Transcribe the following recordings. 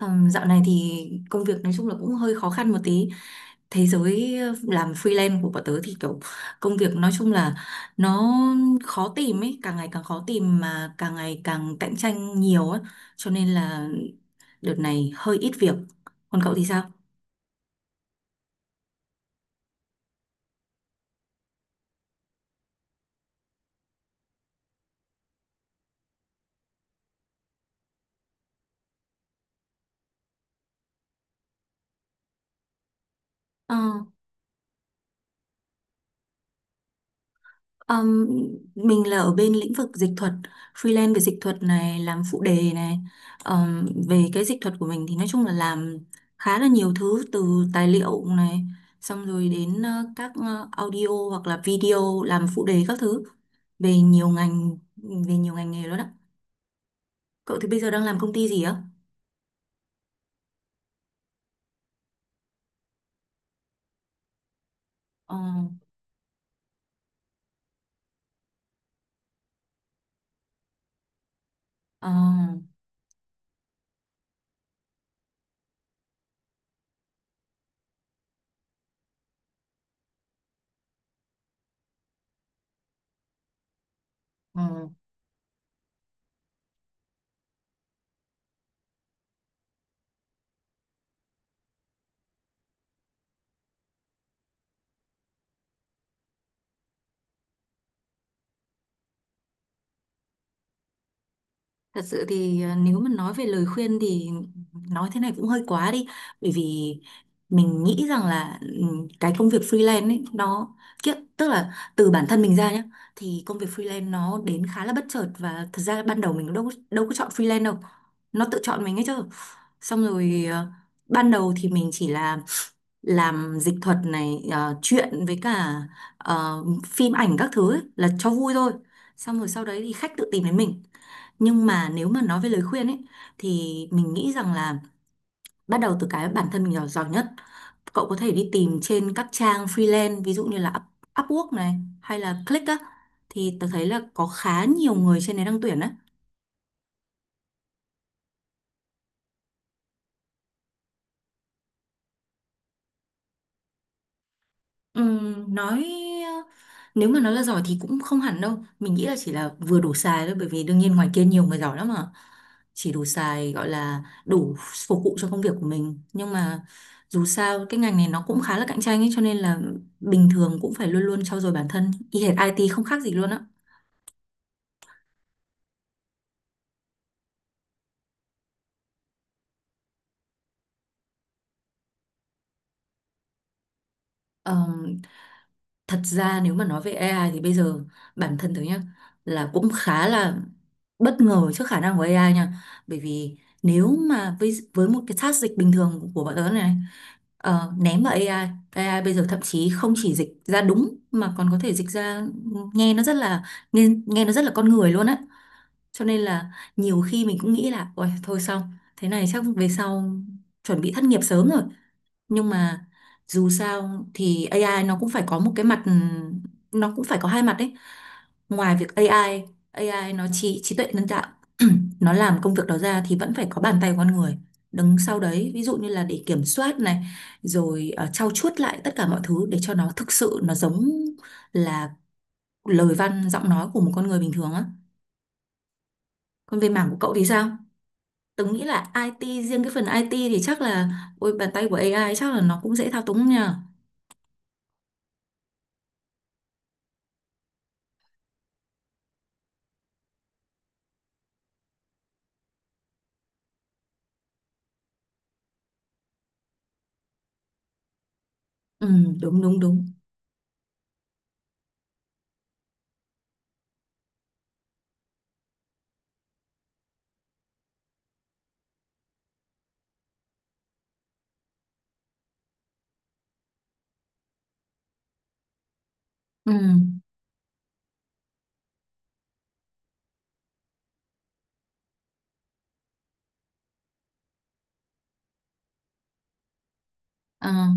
Dạo này thì công việc nói chung là cũng hơi khó khăn một tí. Thế giới làm freelance của bọn tớ thì kiểu công việc nói chung là nó khó tìm ấy, càng ngày càng khó tìm mà càng ngày càng cạnh tranh nhiều ấy. Cho nên là đợt này hơi ít việc. Còn cậu thì sao? Ờ. Ừm, mình là ở bên lĩnh vực dịch thuật, freelance về dịch thuật này, làm phụ đề này. Về cái dịch thuật của mình thì nói chung là làm khá là nhiều thứ từ tài liệu này, xong rồi đến các audio hoặc là video làm phụ đề các thứ về nhiều ngành nghề đó đó. Cậu thì bây giờ đang làm công ty gì á? Ờ, ờ, ờ. Thật sự thì nếu mà nói về lời khuyên thì nói thế này cũng hơi quá đi, bởi vì mình nghĩ rằng là cái công việc freelance ấy nó kiếp tức là từ bản thân mình ra nhé. Thì công việc freelance nó đến khá là bất chợt, và thật ra ban đầu mình đâu đâu có chọn freelance đâu, nó tự chọn mình ấy chứ. Xong rồi ban đầu thì mình chỉ là làm dịch thuật này, chuyện với cả phim ảnh các thứ ấy, là cho vui thôi. Xong rồi sau đấy thì khách tự tìm đến mình. Nhưng mà nếu mà nói về lời khuyên ấy, thì mình nghĩ rằng là bắt đầu từ cái bản thân mình giỏi giỏi nhất. Cậu có thể đi tìm trên các trang freelance ví dụ như là Upwork này hay là Click á, thì tớ thấy là có khá nhiều người trên đấy đang tuyển đấy. Nói Nếu mà nói là giỏi thì cũng không hẳn đâu, mình nghĩ là chỉ là vừa đủ xài thôi, bởi vì đương nhiên ngoài kia nhiều người giỏi lắm mà. Chỉ đủ xài, gọi là đủ phục vụ cho công việc của mình, nhưng mà dù sao cái ngành này nó cũng khá là cạnh tranh ấy, cho nên là bình thường cũng phải luôn luôn trau dồi bản thân, y hệt IT không khác gì luôn á. Ờ, thật ra nếu mà nói về AI thì bây giờ bản thân tớ nhá là cũng khá là bất ngờ trước khả năng của AI nha. Bởi vì nếu mà với một cái task dịch bình thường của bọn tớ này, ném vào AI. AI bây giờ thậm chí không chỉ dịch ra đúng mà còn có thể dịch ra nghe nó rất là nghe nó rất là con người luôn á. Cho nên là nhiều khi mình cũng nghĩ là ôi thôi xong, thế này chắc về sau chuẩn bị thất nghiệp sớm rồi. Nhưng mà dù sao thì AI nó cũng phải có một cái mặt, nó cũng phải có hai mặt đấy. Ngoài việc AI, AI nó trí trí tuệ nhân tạo, nó làm công việc đó ra thì vẫn phải có bàn tay của con người đứng sau đấy, ví dụ như là để kiểm soát này, rồi trau chuốt lại tất cả mọi thứ để cho nó thực sự nó giống là lời văn giọng nói của một con người bình thường á. Còn về mảng của cậu thì sao? Tớ nghĩ là IT, riêng cái phần IT thì chắc là ôi, bàn tay của AI chắc là nó cũng dễ thao túng nhỉ. Ừ, đúng đúng đúng. Ừ, à,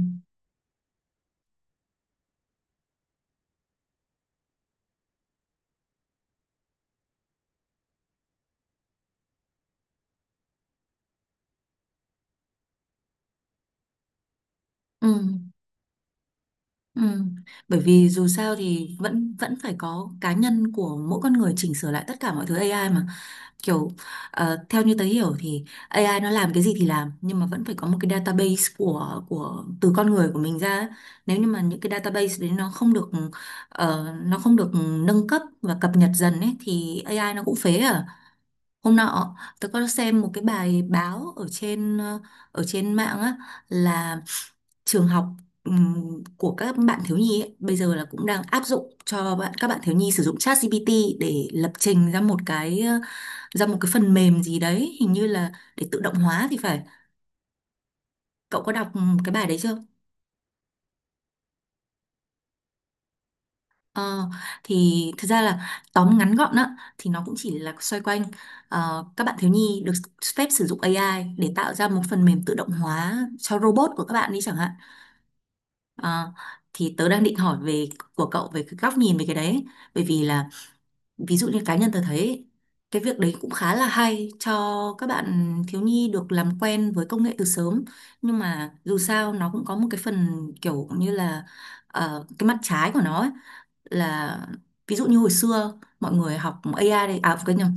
ừ, ừ. Bởi vì dù sao thì vẫn vẫn phải có cá nhân của mỗi con người chỉnh sửa lại tất cả mọi thứ AI mà, kiểu theo như tớ hiểu thì AI nó làm cái gì thì làm, nhưng mà vẫn phải có một cái database của từ con người của mình ra ấy. Nếu như mà những cái database đấy nó không được nâng cấp và cập nhật dần ấy thì AI nó cũng phế à. Hôm nọ tôi có xem một cái bài báo ở trên ở trên mạng á, là trường học, của các bạn thiếu nhi ấy, bây giờ là cũng đang áp dụng cho các bạn thiếu nhi sử dụng ChatGPT để lập trình ra một cái phần mềm gì đấy hình như là để tự động hóa thì phải. Cậu có đọc cái bài đấy chưa? Ờ, thì thật ra là tóm ngắn gọn á, thì nó cũng chỉ là xoay quanh các bạn thiếu nhi được phép sử dụng AI để tạo ra một phần mềm tự động hóa cho robot của các bạn đi chẳng hạn. Ờ, thì tớ đang định hỏi của cậu về cái góc nhìn về cái đấy, bởi vì là ví dụ như cá nhân tớ thấy cái việc đấy cũng khá là hay cho các bạn thiếu nhi được làm quen với công nghệ từ sớm, nhưng mà dù sao nó cũng có một cái phần kiểu như là cái mặt trái của nó. Là ví dụ như hồi xưa mọi người học AI, đây à, quên nhầm,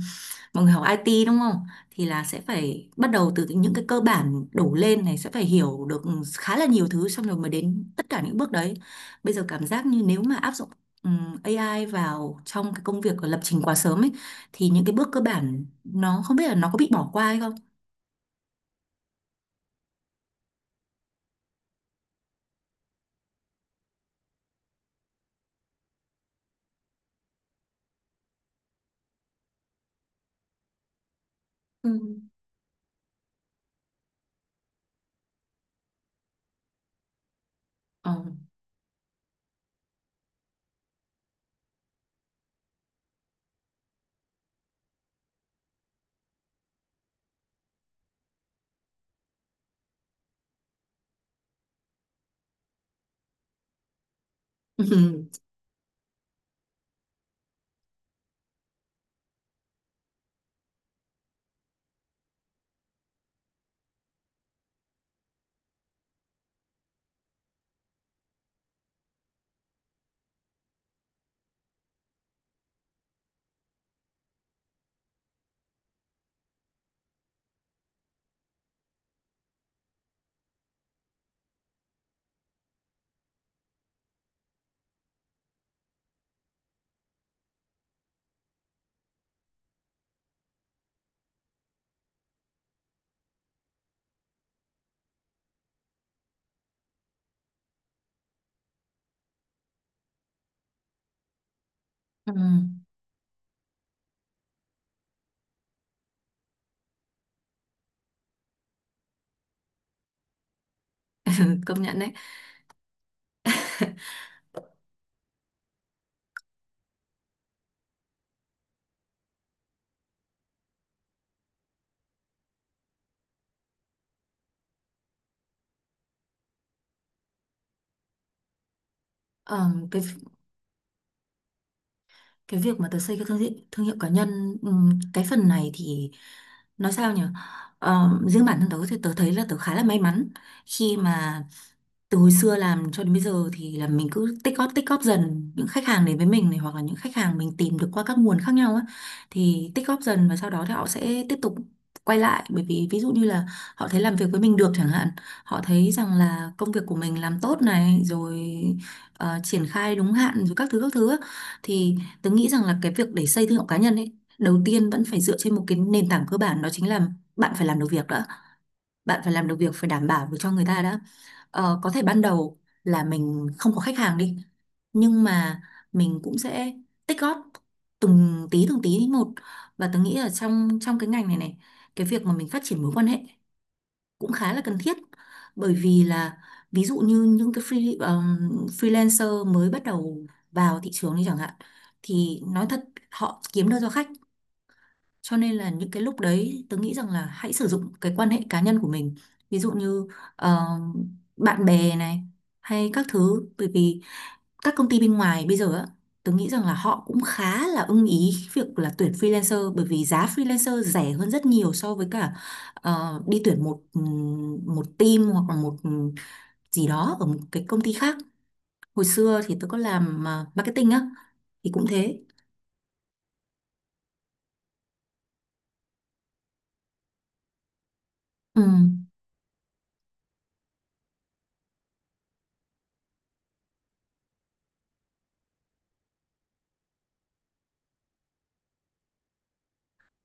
mọi người học IT đúng không, thì là sẽ phải bắt đầu từ những cái cơ bản đổ lên này, sẽ phải hiểu được khá là nhiều thứ xong rồi mới đến tất cả những bước đấy. Bây giờ cảm giác như nếu mà áp dụng AI vào trong cái công việc của lập trình quá sớm ấy, thì những cái bước cơ bản nó không biết là nó có bị bỏ qua hay không. Ừ. Ờ. Ừ. Công nhận đấy. Ờ, cái việc mà tớ xây cái thương hiệu cá nhân, cái phần này thì nói sao nhỉ. Ờ, riêng bản thân tớ thì tớ thấy là tớ khá là may mắn, khi mà từ hồi xưa làm cho đến bây giờ thì là mình cứ tích góp dần những khách hàng đến với mình này, hoặc là những khách hàng mình tìm được qua các nguồn khác nhau á. Thì tích góp dần và sau đó thì họ sẽ tiếp tục quay lại, bởi vì ví dụ như là họ thấy làm việc với mình được chẳng hạn, họ thấy rằng là công việc của mình làm tốt này rồi, triển khai đúng hạn rồi các thứ á. Thì tớ nghĩ rằng là cái việc để xây thương hiệu cá nhân ấy, đầu tiên vẫn phải dựa trên một cái nền tảng cơ bản, đó chính là bạn phải làm được việc đã. Bạn phải làm được việc, phải đảm bảo được cho người ta đã. Ờ, có thể ban đầu là mình không có khách hàng đi, nhưng mà mình cũng sẽ tích góp từng tí một. Và tớ nghĩ là trong trong cái ngành này này, cái việc mà mình phát triển mối quan hệ cũng khá là cần thiết, bởi vì là ví dụ như những cái freelancer mới bắt đầu vào thị trường đi chẳng hạn, thì nói thật họ kiếm đơn do khách, cho nên là những cái lúc đấy tớ nghĩ rằng là hãy sử dụng cái quan hệ cá nhân của mình, ví dụ như ờ, bạn bè này hay các thứ. Bởi vì các công ty bên ngoài bây giờ á, tớ nghĩ rằng là họ cũng khá là ưng ý việc là tuyển freelancer, bởi vì giá freelancer rẻ hơn rất nhiều so với cả đi tuyển một một team hoặc là một gì đó ở một cái công ty khác. Hồi xưa thì tớ có làm marketing á, thì cũng thế. Ừ.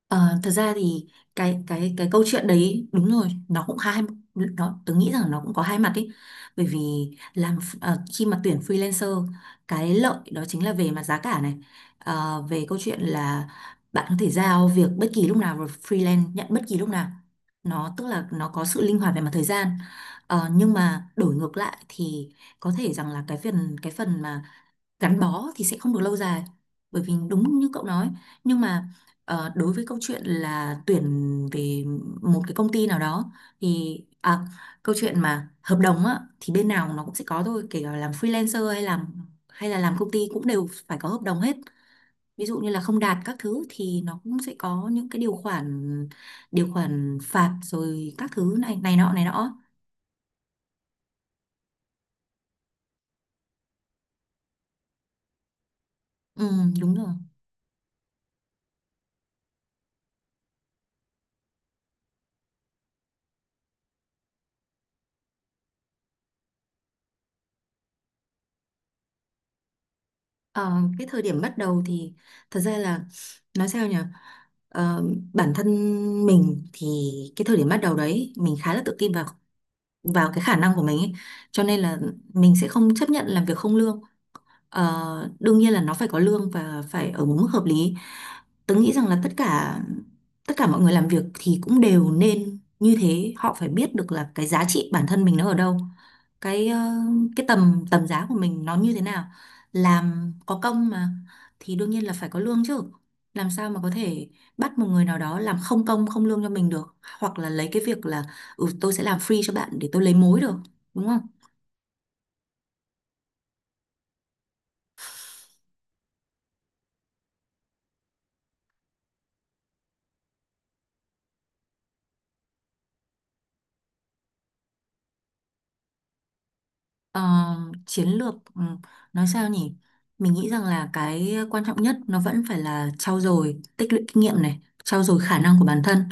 Ờ, thật ra thì cái câu chuyện đấy đúng rồi, nó cũng hai, tớ nghĩ rằng nó cũng có hai mặt ấy. Bởi vì khi mà tuyển freelancer, cái lợi đó chính là về mặt giá cả này. Ờ, về câu chuyện là bạn có thể giao việc bất kỳ lúc nào và freelance nhận bất kỳ lúc nào, nó tức là nó có sự linh hoạt về mặt thời gian. Ờ, nhưng mà đổi ngược lại thì có thể rằng là cái phần mà gắn bó thì sẽ không được lâu dài, bởi vì đúng như cậu nói. Nhưng mà đối với câu chuyện là tuyển về một cái công ty nào đó thì câu chuyện mà hợp đồng á, thì bên nào nó cũng sẽ có thôi, kể cả làm freelancer hay là làm công ty, cũng đều phải có hợp đồng hết. Ví dụ như là không đạt các thứ thì nó cũng sẽ có những cái điều khoản phạt rồi các thứ này này nọ này nọ. Ừ, đúng rồi. Ờ, cái thời điểm bắt đầu thì thật ra là nói sao nhỉ. Ờ, bản thân mình thì cái thời điểm bắt đầu đấy mình khá là tự tin vào vào cái khả năng của mình ấy, cho nên là mình sẽ không chấp nhận làm việc không lương. Ờ, đương nhiên là nó phải có lương và phải ở một mức hợp lý. Tớ nghĩ rằng là tất cả mọi người làm việc thì cũng đều nên như thế, họ phải biết được là cái giá trị bản thân mình nó ở đâu, cái ờ, cái tầm tầm giá của mình nó như thế nào. Làm có công mà, thì đương nhiên là phải có lương chứ. Làm sao mà có thể bắt một người nào đó làm không công không lương cho mình được, hoặc là lấy cái việc là ừ tôi sẽ làm free cho bạn để tôi lấy mối được, đúng không? Ờ, chiến lược nói sao nhỉ? Mình nghĩ rằng là cái quan trọng nhất nó vẫn phải là trau dồi tích lũy kinh nghiệm này, trau dồi khả năng của bản thân.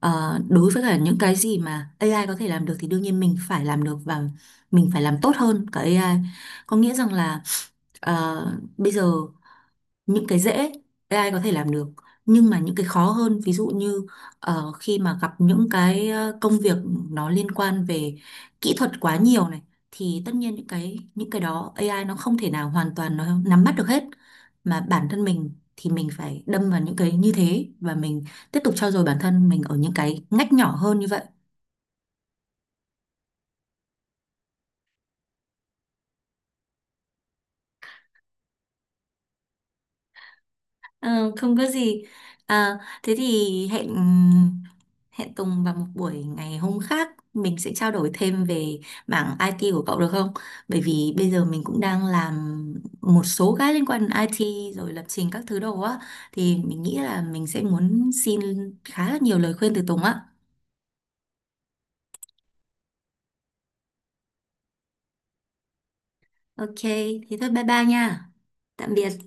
Ờ, đối với cả những cái gì mà AI có thể làm được thì đương nhiên mình phải làm được và mình phải làm tốt hơn cả AI. Có nghĩa rằng là ờ, bây giờ những cái dễ AI có thể làm được, nhưng mà những cái khó hơn, ví dụ như khi mà gặp những cái công việc nó liên quan về kỹ thuật quá nhiều này, thì tất nhiên những cái đó AI nó không thể nào hoàn toàn nó nắm bắt được hết. Mà bản thân mình thì mình phải đâm vào những cái như thế, và mình tiếp tục trau dồi bản thân mình ở những cái ngách nhỏ hơn như vậy. Ờ, không có gì. À, thế thì hẹn hẹn Tùng vào một buổi ngày hôm khác, mình sẽ trao đổi thêm về mảng IT của cậu được không? Bởi vì bây giờ mình cũng đang làm một số cái liên quan đến IT rồi lập trình các thứ đồ á, thì mình nghĩ là mình sẽ muốn xin khá là nhiều lời khuyên từ Tùng á. Ok, thế thôi bye bye nha. Tạm biệt.